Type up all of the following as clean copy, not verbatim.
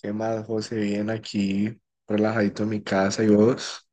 ¿Qué más, José? Bien aquí, relajadito en mi casa. ¿Y vos?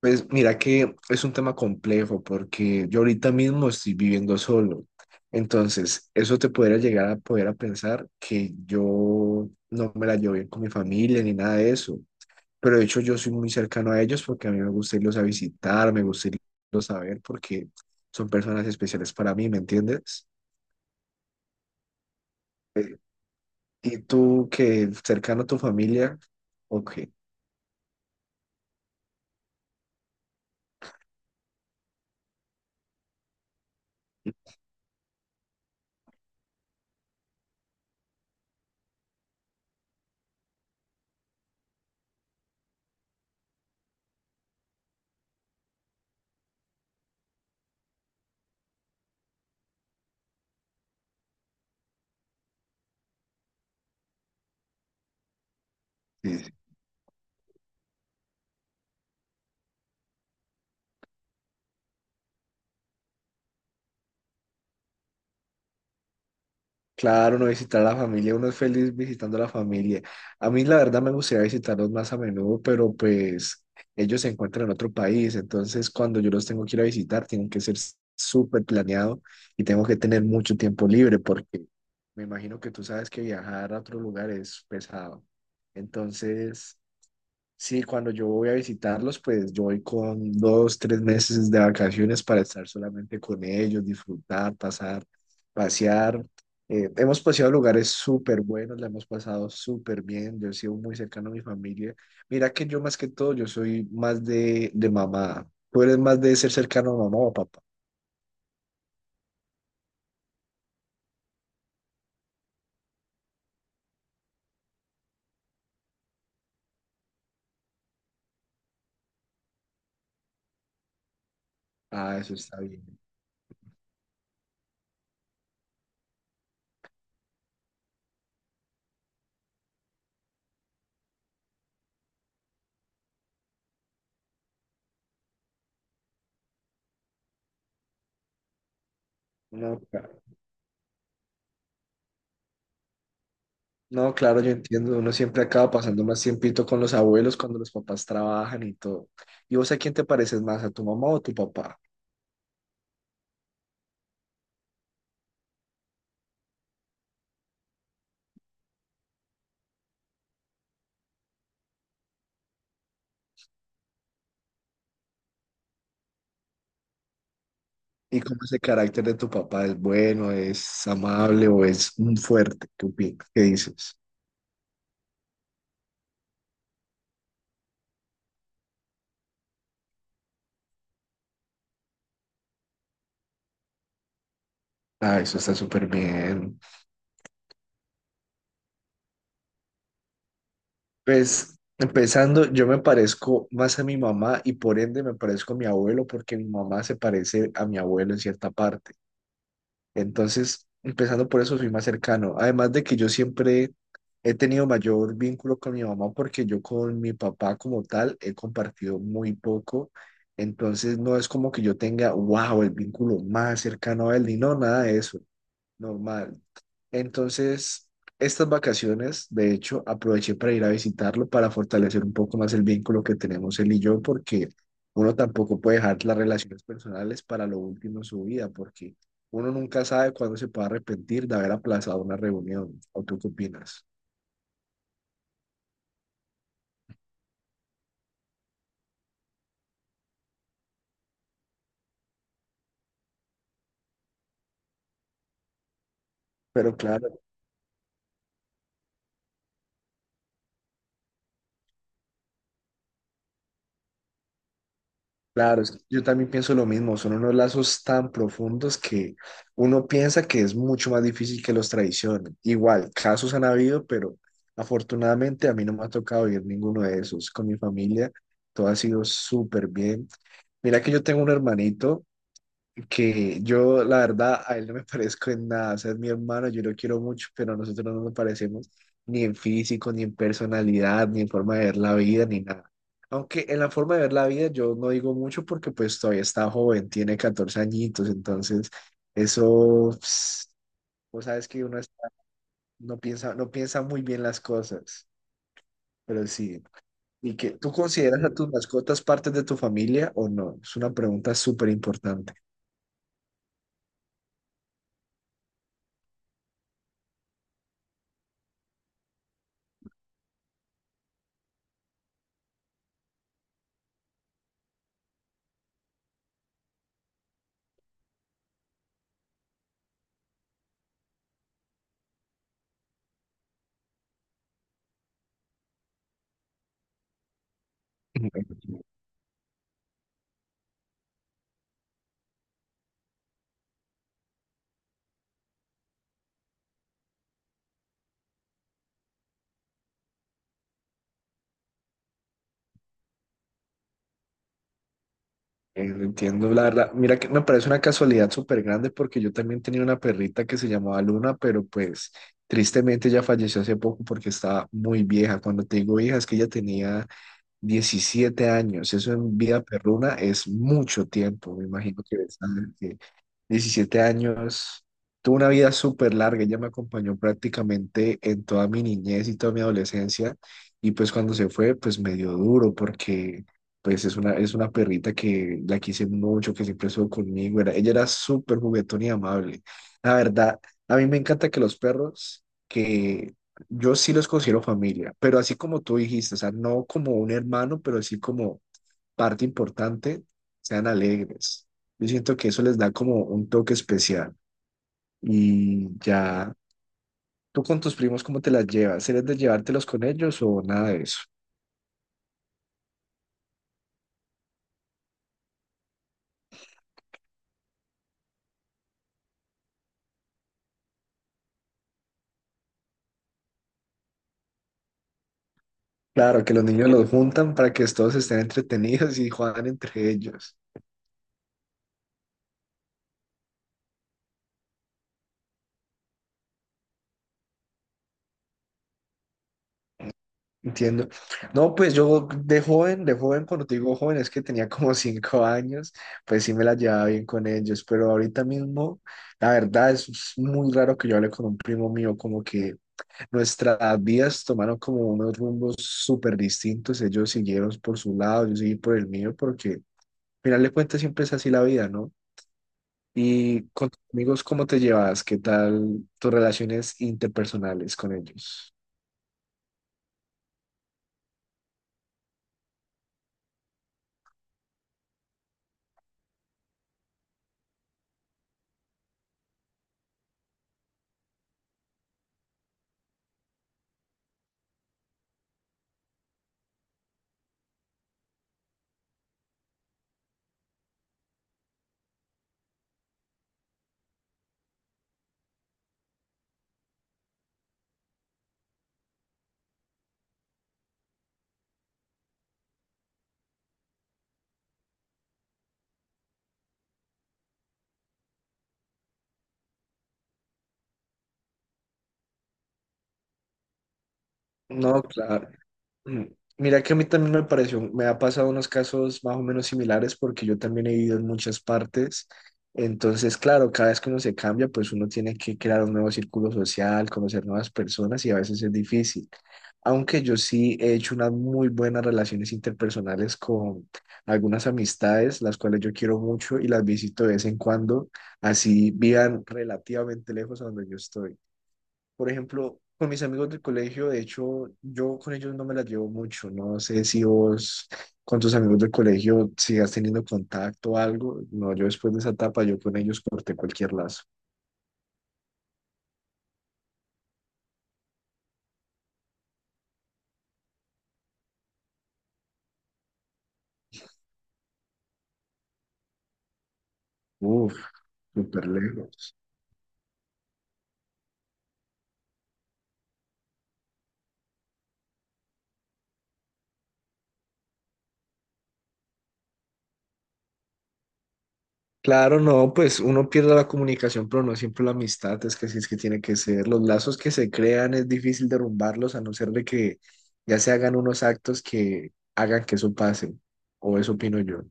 Pues mira que es un tema complejo porque yo ahorita mismo estoy viviendo solo. Entonces, eso te podría llegar a poder a pensar que yo no me la llevo bien con mi familia ni nada de eso. Pero de hecho yo soy muy cercano a ellos porque a mí me gusta irlos a visitar, me gusta irlos a ver porque son personas especiales para mí, ¿me entiendes? Eh, ¿Y tú que cercano a tu familia? Ok. Sí, sí. Claro, uno visitar a la familia, uno es feliz visitando a la familia. A mí la verdad me gustaría visitarlos más a menudo, pero pues ellos se encuentran en otro país, entonces cuando yo los tengo que ir a visitar, tienen que ser súper planeado y tengo que tener mucho tiempo libre porque me imagino que tú sabes que viajar a otro lugar es pesado. Entonces, sí, cuando yo voy a visitarlos, pues yo voy con dos, tres meses de vacaciones para estar solamente con ellos, disfrutar, pasar, pasear. Hemos paseado lugares súper buenos, la hemos pasado súper bien, yo he sido muy cercano a mi familia. Mira que yo más que todo, yo soy más de mamá. ¿Tú eres más de ser cercano a mamá o papá? Ah, eso está bien. No, no, claro, yo entiendo. Uno siempre acaba pasando más tiempito con los abuelos cuando los papás trabajan y todo. ¿Y vos a quién te pareces más, a tu mamá o a tu papá? ¿Y cómo es el carácter de tu papá? ¿Es bueno, es amable o es un fuerte? ¿Qué opinas? ¿Qué dices? Ah, eso está súper bien. Pues empezando, yo me parezco más a mi mamá y por ende me parezco a mi abuelo porque mi mamá se parece a mi abuelo en cierta parte. Entonces, empezando por eso, soy más cercano. Además de que yo siempre he tenido mayor vínculo con mi mamá porque yo con mi papá como tal he compartido muy poco. Entonces, no es como que yo tenga, wow, el vínculo más cercano a él, ni no, nada de eso. Normal. Entonces, estas vacaciones, de hecho, aproveché para ir a visitarlo para fortalecer un poco más el vínculo que tenemos él y yo, porque uno tampoco puede dejar las relaciones personales para lo último en su vida, porque uno nunca sabe cuándo se puede arrepentir de haber aplazado una reunión. ¿O tú qué opinas? Pero claro. Claro, es que yo también pienso lo mismo, son unos lazos tan profundos que uno piensa que es mucho más difícil que los traicionen. Igual, casos han habido, pero afortunadamente a mí no me ha tocado vivir ninguno de esos. Con mi familia todo ha sido súper bien. Mira que yo tengo un hermanito que yo, la verdad, a él no me parezco en nada. O sea, es mi hermano, yo lo quiero mucho, pero nosotros no nos parecemos ni en físico, ni en personalidad, ni en forma de ver la vida, ni nada. Aunque en la forma de ver la vida yo no digo mucho porque pues todavía está joven, tiene 14 añitos, entonces eso, pues, vos sabes que uno está- no piensa, no piensa muy bien las cosas, pero sí. ¿Y que tú consideras a tus mascotas partes de tu familia o no? Es una pregunta súper importante. Entiendo, la verdad. Mira que me parece una casualidad súper grande porque yo también tenía una perrita que se llamaba Luna, pero pues tristemente ella falleció hace poco porque estaba muy vieja. Cuando te digo vieja es que ella tenía 17 años. Eso en vida perruna es mucho tiempo, me imagino que, ¿sabes? 17 años. Tuve una vida súper larga, ella me acompañó prácticamente en toda mi niñez y toda mi adolescencia. Y pues cuando se fue, pues me dio duro porque pues es una perrita que la quise mucho, que siempre estuvo conmigo. Era, ella era súper juguetona y amable. La verdad, a mí me encanta que los perros, que yo sí los considero familia, pero así como tú dijiste, o sea, no como un hermano, pero sí como parte importante, sean alegres. Yo siento que eso les da como un toque especial. Y ya, ¿tú con tus primos cómo te las llevas? ¿Eres de llevártelos con ellos o nada de eso? Claro, que los niños los juntan para que todos estén entretenidos y juegan entre ellos. Entiendo. No, pues yo de joven, cuando te digo joven, es que tenía como 5 años, pues sí me la llevaba bien con ellos, pero ahorita mismo, la verdad es muy raro que yo hable con un primo mío, como que nuestras vidas tomaron como unos rumbos súper distintos. Ellos siguieron por su lado, yo seguí por el mío, porque al final de cuentas siempre es así la vida, ¿no? Y con tus amigos, ¿cómo te llevas? ¿Qué tal tus relaciones interpersonales con ellos? No, claro. Mm, Mira que a mí también me ha pasado unos casos más o menos similares porque yo también he vivido en muchas partes. Entonces, claro, cada vez que uno se cambia, pues uno tiene que crear un nuevo círculo social, conocer nuevas personas y a veces es difícil. Aunque yo sí he hecho unas muy buenas relaciones interpersonales con algunas amistades, las cuales yo quiero mucho y las visito de vez en cuando, así vivan relativamente lejos a donde yo estoy. Por ejemplo, con mis amigos del colegio, de hecho, yo con ellos no me las llevo mucho. No sé si vos con tus amigos del colegio sigas teniendo contacto o algo. No, yo después de esa etapa, yo con ellos corté cualquier lazo. Uf, súper lejos. Claro, no, pues uno pierde la comunicación, pero no siempre la amistad, es que así es que tiene que ser. Los lazos que se crean es difícil derrumbarlos a no ser de que ya se hagan unos actos que hagan que eso pase, o eso opino yo.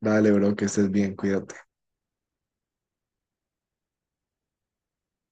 Dale, bro, que estés bien, cuídate.